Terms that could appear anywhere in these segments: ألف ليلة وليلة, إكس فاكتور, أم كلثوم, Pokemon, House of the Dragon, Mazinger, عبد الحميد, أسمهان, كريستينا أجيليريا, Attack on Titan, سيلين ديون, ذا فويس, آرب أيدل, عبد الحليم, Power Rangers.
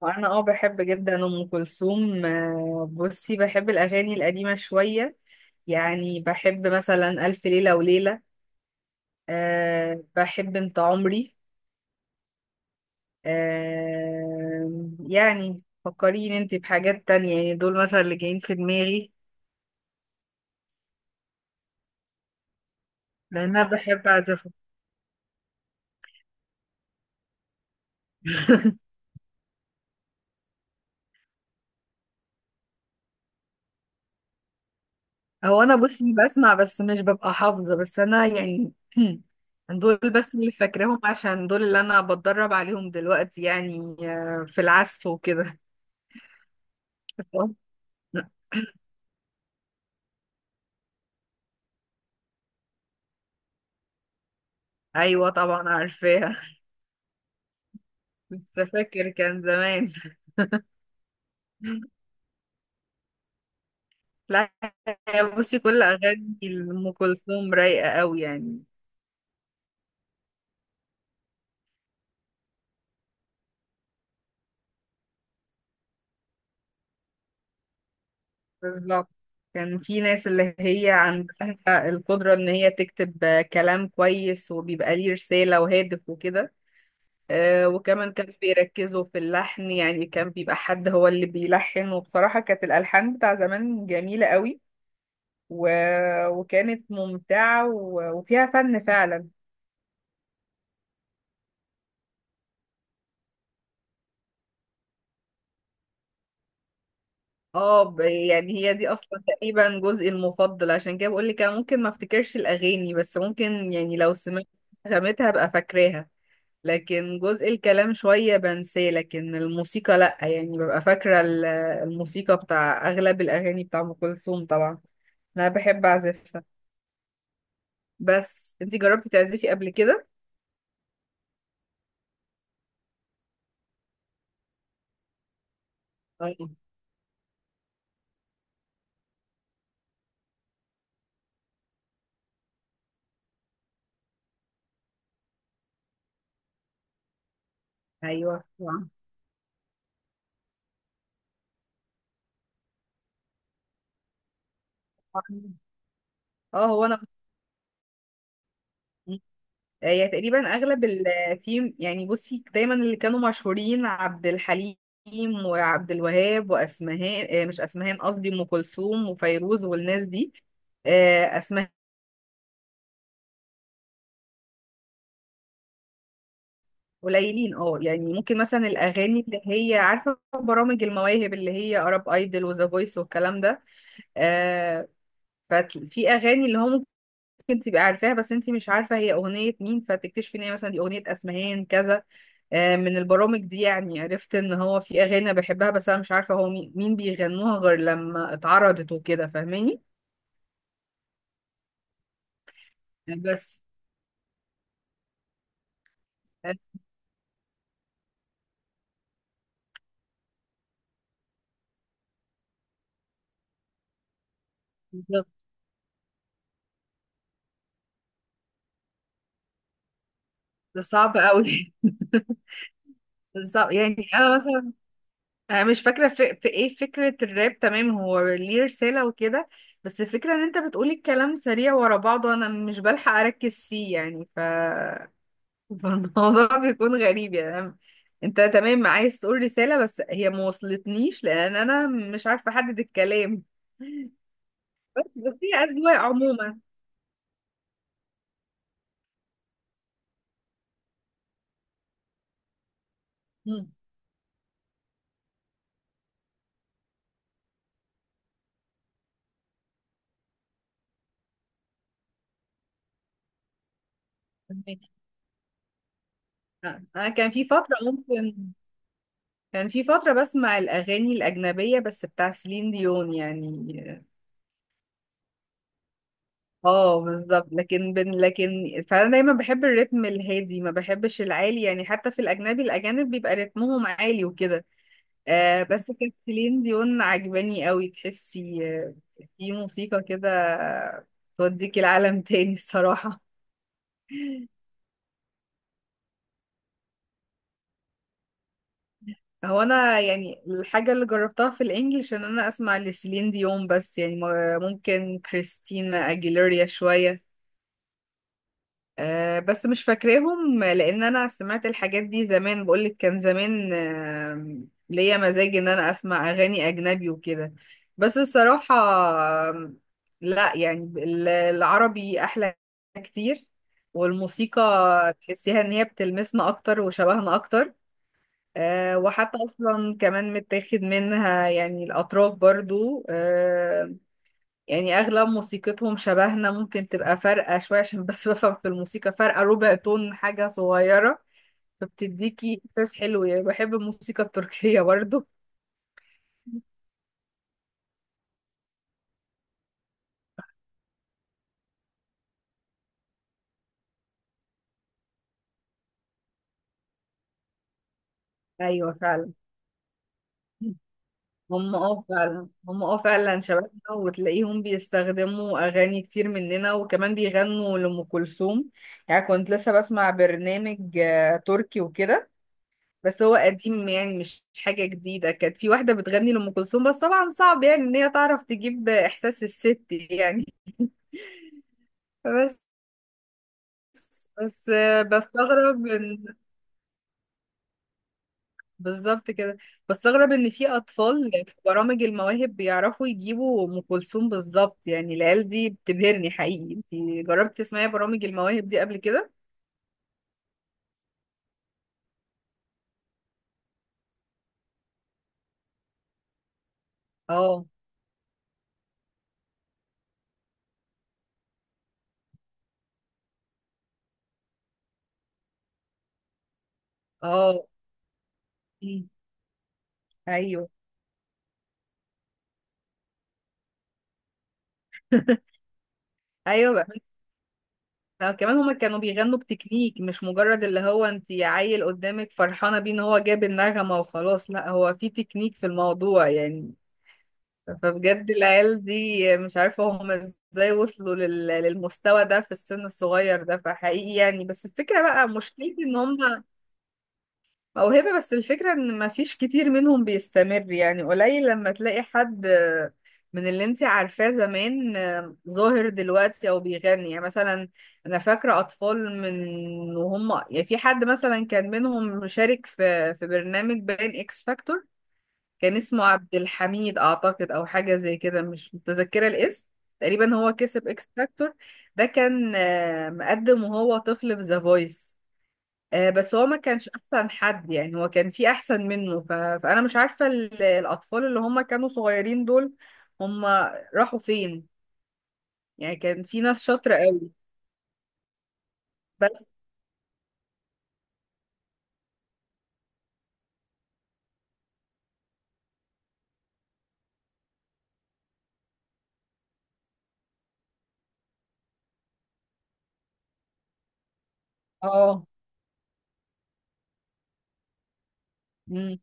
وانا بحب جدا ام كلثوم بصي بحب الاغاني القديمه شويه. يعني بحب مثلا الف ليله وليله. أه بحب انت عمري. أه يعني فكريني انت بحاجات تانية، يعني دول مثلا اللي جايين في دماغي لان انا بحب اعزفهم. هو انا بصي بسمع بس مش ببقى حافظه، بس انا يعني دول بس اللي فاكراهم عشان دول اللي انا بتدرب عليهم دلوقتي، يعني في العزف وكده. ايوه طبعا عارفاها. لسه فاكر كان زمان. لا. يا بصي كل اغاني ام كلثوم رايقه قوي يعني. بالظبط، كان في ناس اللي هي عندها القدره ان هي تكتب كلام كويس وبيبقى ليه رساله وهادف وكده. وكمان كانوا بيركزوا في اللحن، يعني كان بيبقى حد هو اللي بيلحن وبصراحه كانت الالحان بتاع زمان جميله قوي و... وكانت ممتعه وفيها فن فعلا. يعني هي دي اصلا تقريبا جزئي المفضل، عشان كده بقول لك انا ممكن ما افتكرش الاغاني بس ممكن يعني لو سمعت نغمتها ابقى فاكراها. لكن جزء الكلام شوية بنساه، لكن الموسيقى لا، يعني ببقى فاكرة الموسيقى بتاع اغلب الاغاني بتاع ام كلثوم طبعا. انا بحب اعزفها. بس انتي جربتي تعزفي قبل كده؟ أيوة، ايوه طبعاً. اه هو انا هي تقريبا اغلب ال في، يعني بصي دايما اللي كانوا مشهورين عبد الحليم وعبد الوهاب واسمهان، مش اسمهان، قصدي ام كلثوم وفيروز والناس دي. اسماء قليلين. اه يعني ممكن مثلا الاغاني اللي هي عارفه برامج المواهب اللي هي ارب ايدل وذا فويس والكلام ده. آه، ففي اغاني اللي هو ممكن تبقى عارفاها بس انت مش عارفة هي أغنية مين، فتكتشفي ان هي مثلا دي أغنية أسمهان كذا. من البرامج دي يعني عرفت ان هو في أغاني أنا بحبها بس انا مش عارفة هو مين مين بيغنوها غير لما اتعرضت وكده، فاهماني. بس آه، بالظبط، ده صعب قوي. ده صعب، يعني انا مثلا انا مش فاكرة في ايه فكرة الراب، تمام هو ليه رسالة وكده، بس الفكرة ان انت بتقولي الكلام سريع ورا بعضه انا مش بلحق اركز فيه، يعني فالموضوع بيكون غريب، يعني أنا- انت تمام عايز تقول رسالة بس هي ما وصلتنيش لان انا مش عارفة احدد الكلام. بس بس هي اذواق عموما. مم. فهمك. انا كان في فترة ممكن كان في فترة بسمع الاغاني الاجنبية بس بتاع سيلين ديون يعني. اه بالظبط، لكن فانا دايما بحب الريتم الهادي ما بحبش العالي، يعني حتى في الاجنبي الاجانب بيبقى رتمهم عالي وكده. آه بس كانت سيلين ديون عجباني قوي، تحسي في موسيقى كده توديكي العالم تاني الصراحة. هو أنا يعني الحاجة اللي جربتها في الإنجليش إن أنا أسمع لسيلين ديون بس، يعني ممكن كريستينا أجيليريا شوية. بس مش فاكراهم لان انا سمعت الحاجات دي زمان، بقولك كان زمان. ليا مزاج ان انا اسمع اغاني اجنبي وكده، بس الصراحة لا يعني العربي احلى كتير. والموسيقى تحسيها ان هي بتلمسنا اكتر وشبهنا اكتر. وحتى اصلا كمان متاخد منها، يعني الاتراك برضو يعني اغلب موسيقتهم شبهنا، ممكن تبقى فارقة شوية عشان بس بفهم في الموسيقى فارقة ربع تون، حاجة صغيرة، فبتديكي احساس حلو، يعني بحب الموسيقى التركية برضو. ايوه فعلا هم فعلا شبابنا، وتلاقيهم بيستخدموا اغاني كتير مننا وكمان بيغنوا لأم كلثوم. يعني كنت لسه بسمع برنامج تركي وكده، بس هو قديم يعني مش حاجة جديدة. كانت في واحدة بتغني لأم كلثوم، بس طبعا صعب يعني إن هي تعرف تجيب إحساس الست يعني. بس بس بستغرب إن بالظبط كده. بستغرب إن في أطفال في برامج المواهب بيعرفوا يجيبوا أم كلثوم بالظبط، يعني العيال دي بتبهرني حقيقي. أنتي جربتي تسمعي برامج المواهب دي قبل كده؟ اه، اه، أمم، أيوه. ايوه. لا كمان هما كانوا بيغنوا بتكنيك، مش مجرد اللي هو انت عيل قدامك فرحانة بيه ان هو جاب النغمة وخلاص، لا هو في تكنيك في الموضوع يعني. فبجد العيال دي مش عارفة هما ازاي وصلوا للمستوى ده في السن الصغير ده، فحقيقي يعني. بس الفكرة بقى مشكلتي ان هما موهبة، بس الفكرة ان مفيش كتير منهم بيستمر، يعني قليل لما تلاقي حد من اللي انت عارفاه زمان ظاهر دلوقتي او بيغني. يعني مثلا انا فاكرة اطفال من وهم، يعني في حد مثلا كان منهم مشارك في برنامج باين اكس فاكتور، كان اسمه عبد الحميد اعتقد او حاجة زي كده، مش متذكرة الاسم. تقريبا هو كسب اكس فاكتور. ده كان مقدم وهو طفل في ذا فويس. بس هو ما كانش احسن حد يعني، هو كان في احسن منه فانا مش عارفة الاطفال اللي هم كانوا صغيرين دول هم راحوا فين، يعني كان في ناس شاطرة قوي. بس اه، امم،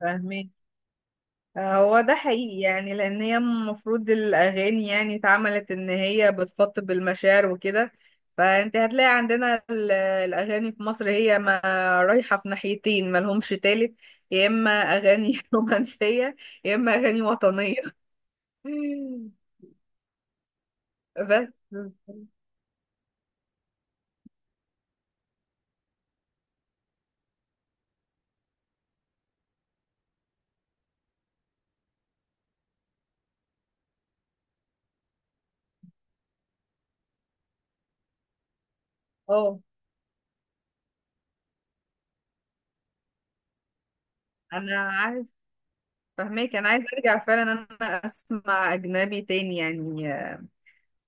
فاهمين. هو ده حقيقي يعني لان هي المفروض الاغاني يعني اتعملت ان هي بتخاطب المشاعر وكده، فانت هتلاقي عندنا الاغاني في مصر هي ما رايحة في ناحيتين ما لهمش تالت، يا اما اغاني رومانسية يا اما اغاني وطنية. بس اه، انا عايز فهماك، انا عايز ارجع فعلا ان انا اسمع اجنبي تاني، يعني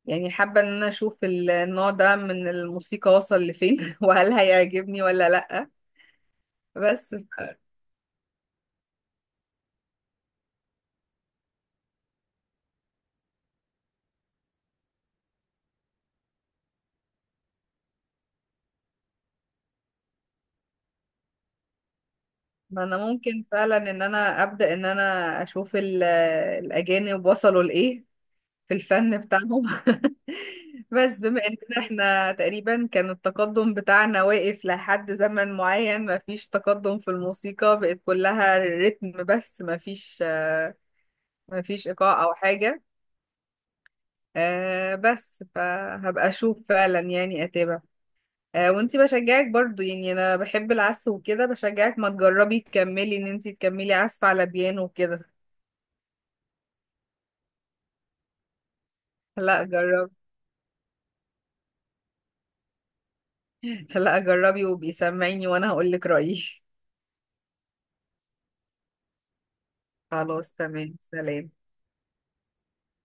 يعني حابه ان انا اشوف النوع ده من الموسيقى وصل لفين وهل هيعجبني ولا لا. بس ف- ما انا ممكن فعلا ان انا ابدا ان انا اشوف الاجانب وصلوا لايه في الفن بتاعهم. بس بما اننا احنا تقريبا كان التقدم بتاعنا واقف لحد زمن معين، مفيش تقدم في الموسيقى، بقت كلها رتم بس مفيش مفيش ايقاع او حاجة. بس فهبقى اشوف فعلا يعني اتابع. وانتي بشجعك برضو، يعني انا بحب العزف وكده، بشجعك ما تجربي تكملي، ان انتي تكملي عزف على بيانو وكده. لا جربي، لا جربي وبيسمعيني وانا هقولك رأيي. خلاص تمام، سلام.